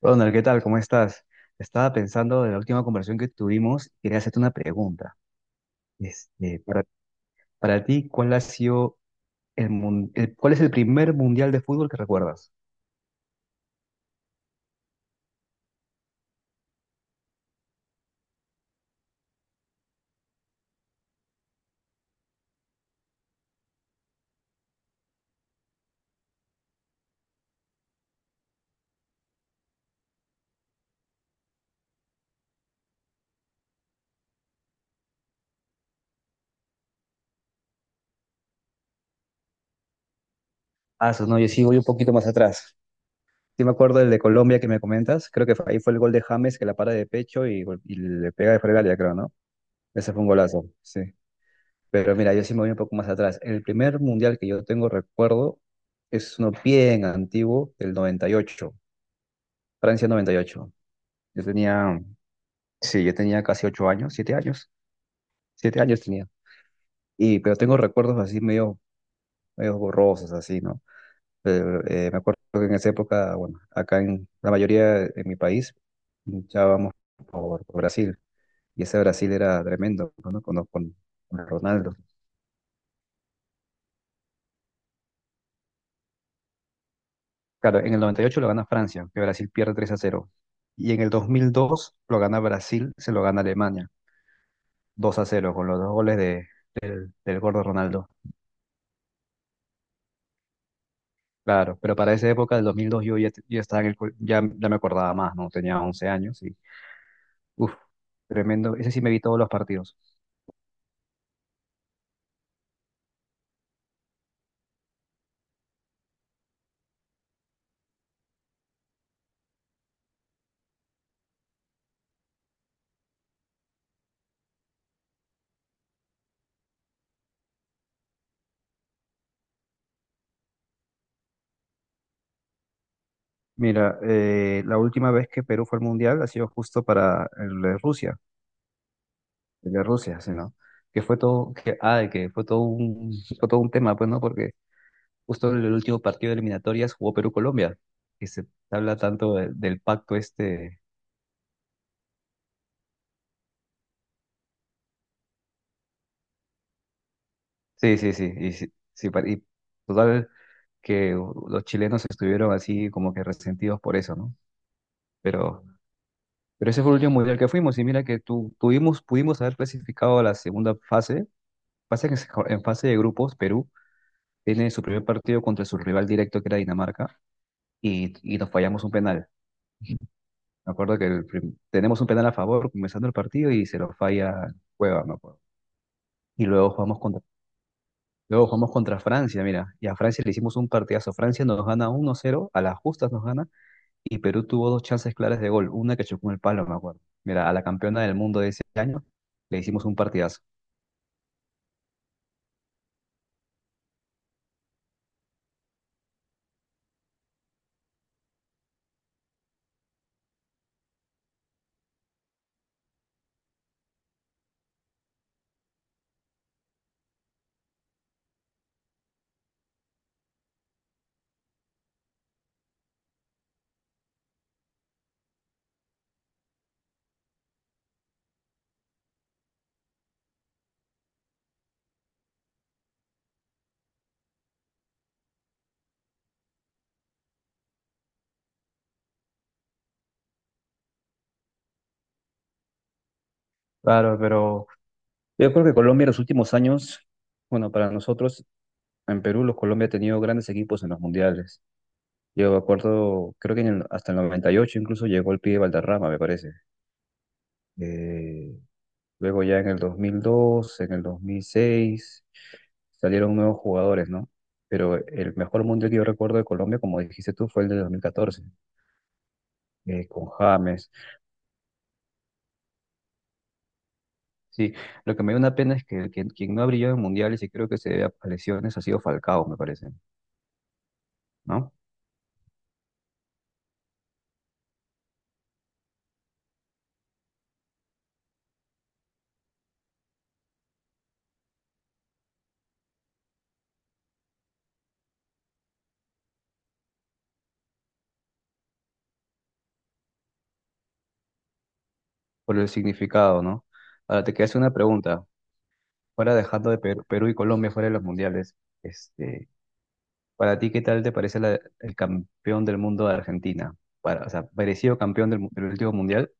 Ronald, ¿qué tal? ¿Cómo estás? Estaba pensando en la última conversación que tuvimos y quería hacerte una pregunta. Este, para, para ti, ¿cuál ha sido cuál es el primer mundial de fútbol que recuerdas? Ah, eso no, yo sí voy un poquito más atrás. Sí me acuerdo del de Colombia que me comentas. Creo que ahí fue el gol de James que la para de pecho y le pega de fregalia, creo, ¿no? Ese fue un golazo, sí. Pero mira, yo sí me voy un poco más atrás. El primer mundial que yo tengo recuerdo es uno bien antiguo, del 98. Francia 98. Yo tenía Sí, yo tenía casi 8 años, 7 años, 7 años tenía. Pero tengo recuerdos así medio borrosos, así, ¿no? Pero, me acuerdo que en esa época, bueno, acá en la mayoría en mi país, luchábamos por Brasil. Y ese Brasil era tremendo, ¿no? Con Ronaldo. Claro, en el 98 lo gana Francia, que Brasil pierde 3-0. Y en el 2002 lo gana Brasil, se lo gana Alemania, 2-0, con los dos goles del gordo Ronaldo. Claro, pero para esa época del 2002 yo ya estaba en el, ya me acordaba más, ¿no? Tenía 11 años y, uff, tremendo. Ese sí me vi todos los partidos. Mira, la última vez que Perú fue al Mundial ha sido justo para el de Rusia, sí, ¿no? Que fue todo un tema, pues, ¿no? Porque justo en el último partido de eliminatorias jugó Perú-Colombia, y se habla tanto del pacto este. Sí, sí, sí, y, sí, sí, y total. Que los chilenos estuvieron así como que resentidos por eso, ¿no? Pero, pero ese fue el último mundial que fuimos y mira que tuvimos, pudimos haber clasificado a la segunda fase. Pasa que en fase de grupos Perú tiene su primer partido contra su rival directo que era Dinamarca y nos fallamos un penal. Me acuerdo que tenemos un penal a favor comenzando el partido y se lo falla Cueva, me acuerdo. Y luego jugamos contra Francia, mira, y a Francia le hicimos un partidazo. Francia nos gana 1-0, a las justas nos gana. Y Perú tuvo dos chances claras de gol, una que chocó en el palo, me acuerdo. Mira, a la campeona del mundo de ese año le hicimos un partidazo. Claro, pero yo creo que Colombia en los últimos años, bueno, para nosotros en Perú, los Colombia ha tenido grandes equipos en los mundiales. Yo me acuerdo, creo que hasta el 98 incluso llegó el pibe Valderrama, me parece. Eh, Luego ya en el 2002 en el 2006 salieron nuevos jugadores, ¿no? Pero el mejor mundial que yo recuerdo de Colombia, como dijiste tú, fue el de 2014, con James. Sí, lo que me da una pena es que quien no ha brillado en mundiales y creo que se debe a lesiones ha sido Falcao, me parece, ¿no? Por el significado, ¿no? Ahora te quería hacer una pregunta. Fuera dejando de Perú y Colombia fuera de los mundiales, este, para ti, ¿qué tal te parece el campeón del mundo de Argentina? Para, o sea, parecido campeón del último mundial.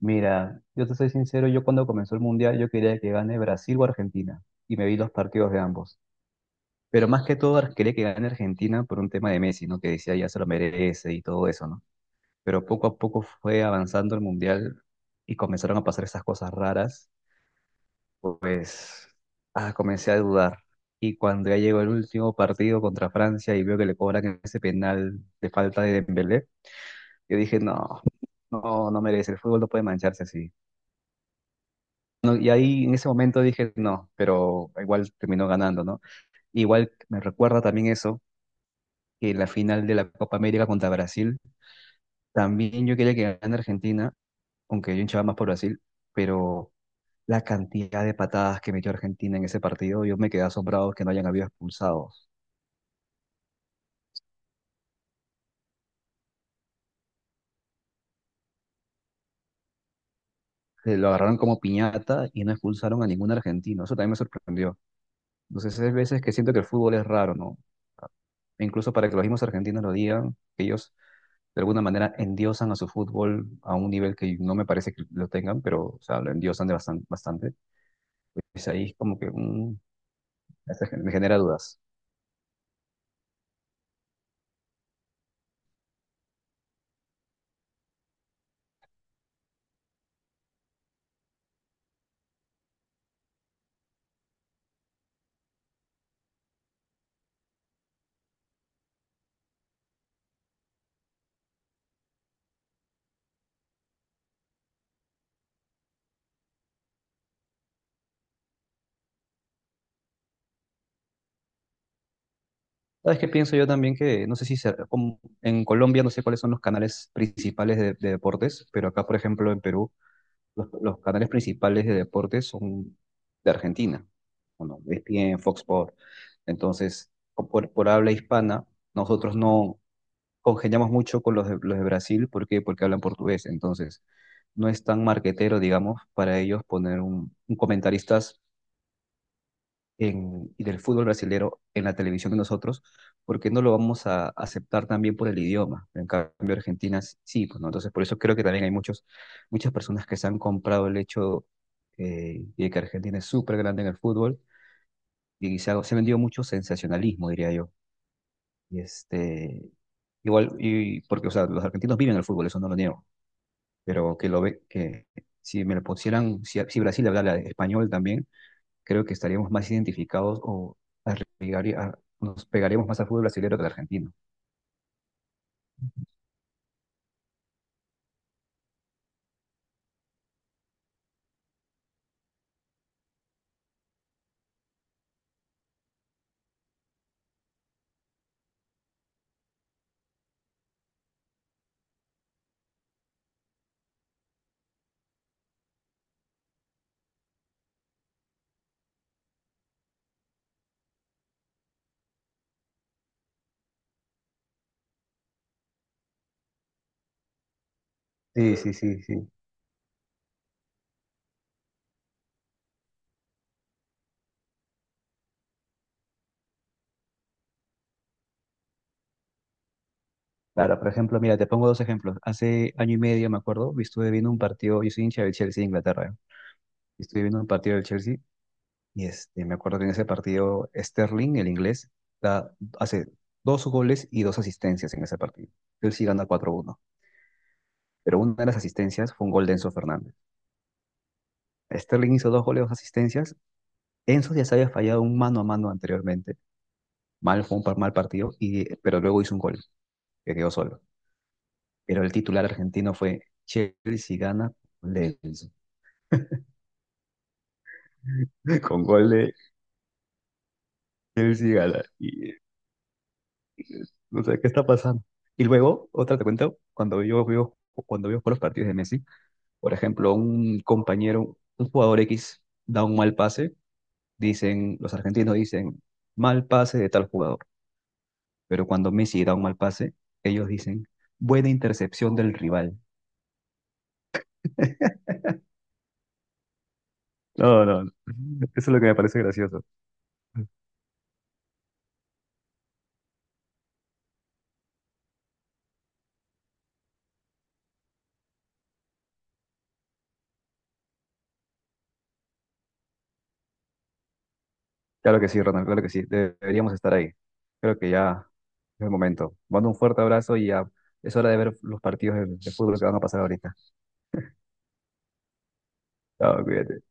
Mira, yo te soy sincero, yo cuando comenzó el mundial yo quería que gane Brasil o Argentina y me vi los partidos de ambos. Pero más que todo quería que gane Argentina por un tema de Messi, ¿no? Que decía ya se lo merece y todo eso, ¿no? Pero poco a poco fue avanzando el Mundial y comenzaron a pasar esas cosas raras, pues, comencé a dudar. Y cuando ya llegó el último partido contra Francia y veo que le cobran ese penal de falta de Dembélé, yo dije, no, no, no merece, el fútbol no puede mancharse así. No, y ahí en ese momento dije, no, pero igual terminó ganando, ¿no? Igual me recuerda también eso que la final de la Copa América contra Brasil. También yo quería que ganara Argentina, aunque yo hinchaba más por Brasil, pero la cantidad de patadas que metió Argentina en ese partido, yo me quedé asombrado que no hayan habido expulsados. Se lo agarraron como piñata y no expulsaron a ningún argentino. Eso también me sorprendió. Entonces, hay veces que siento que el fútbol es raro, ¿no? E incluso para que los mismos argentinos lo digan, que ellos de alguna manera endiosan a su fútbol a un nivel que no me parece que lo tengan, pero o sea, lo endiosan de bastante. Es ahí como que este me genera dudas. ¿Sabes qué pienso yo también? Que no sé si se- como en Colombia no sé cuáles son los canales principales de deportes, pero acá, por ejemplo, en Perú, los canales principales de deportes son de Argentina. Bueno, ESPN, Fox Sports. Entonces, por habla hispana, nosotros no congeniamos mucho con los de Brasil. ¿Por qué? Porque hablan portugués. Entonces, no es tan marquetero, digamos, para ellos poner un comentarista y del fútbol brasilero en la televisión de nosotros, porque no lo vamos a aceptar también por el idioma. En cambio, Argentina sí, pues, ¿no? Entonces, por eso creo que también hay muchas personas que se han comprado el hecho, de que Argentina es súper grande en el fútbol y se ha vendido mucho sensacionalismo, diría yo. Y igual, y porque, o sea, los argentinos viven el fútbol, eso no lo niego, pero que lo ve, que si me lo pusieran, si Brasil hablara español también creo que estaríamos más identificados o nos pegaríamos más al fútbol brasileño que al argentino. Sí, sí, sí, sí. Claro, por ejemplo, mira, te pongo dos ejemplos. Hace año y medio, me acuerdo, estuve viendo un partido, yo soy hincha del Chelsea de Inglaterra, y estuve viendo un partido del Chelsea y me acuerdo que en ese partido Sterling, el inglés, da- hace dos goles y dos asistencias en ese partido. Chelsea gana 4-1, pero una de las asistencias fue un gol de Enzo Fernández. Sterling hizo dos goles, dos asistencias. Enzo ya se había fallado un mano a mano anteriormente mal, fue un mal partido, pero luego hizo un gol, que quedó solo. Pero el titular argentino fue Chelsea gana con gol de Enzo. Con gol de Chelsea gana. Y no sé qué está pasando. Y luego, otra te cuento, cuando veo por los partidos de Messi, por ejemplo, un compañero, un jugador X da un mal pase, los argentinos dicen, mal pase de tal jugador. Pero cuando Messi da un mal pase, ellos dicen, buena intercepción del rival. No, no, no. Eso es lo que me parece gracioso. Claro que sí, Ronald, claro que sí. Deberíamos estar ahí. Creo que ya es el momento. Mando un fuerte abrazo y ya es hora de ver los partidos de fútbol que van a pasar ahorita. Chao, cuídate.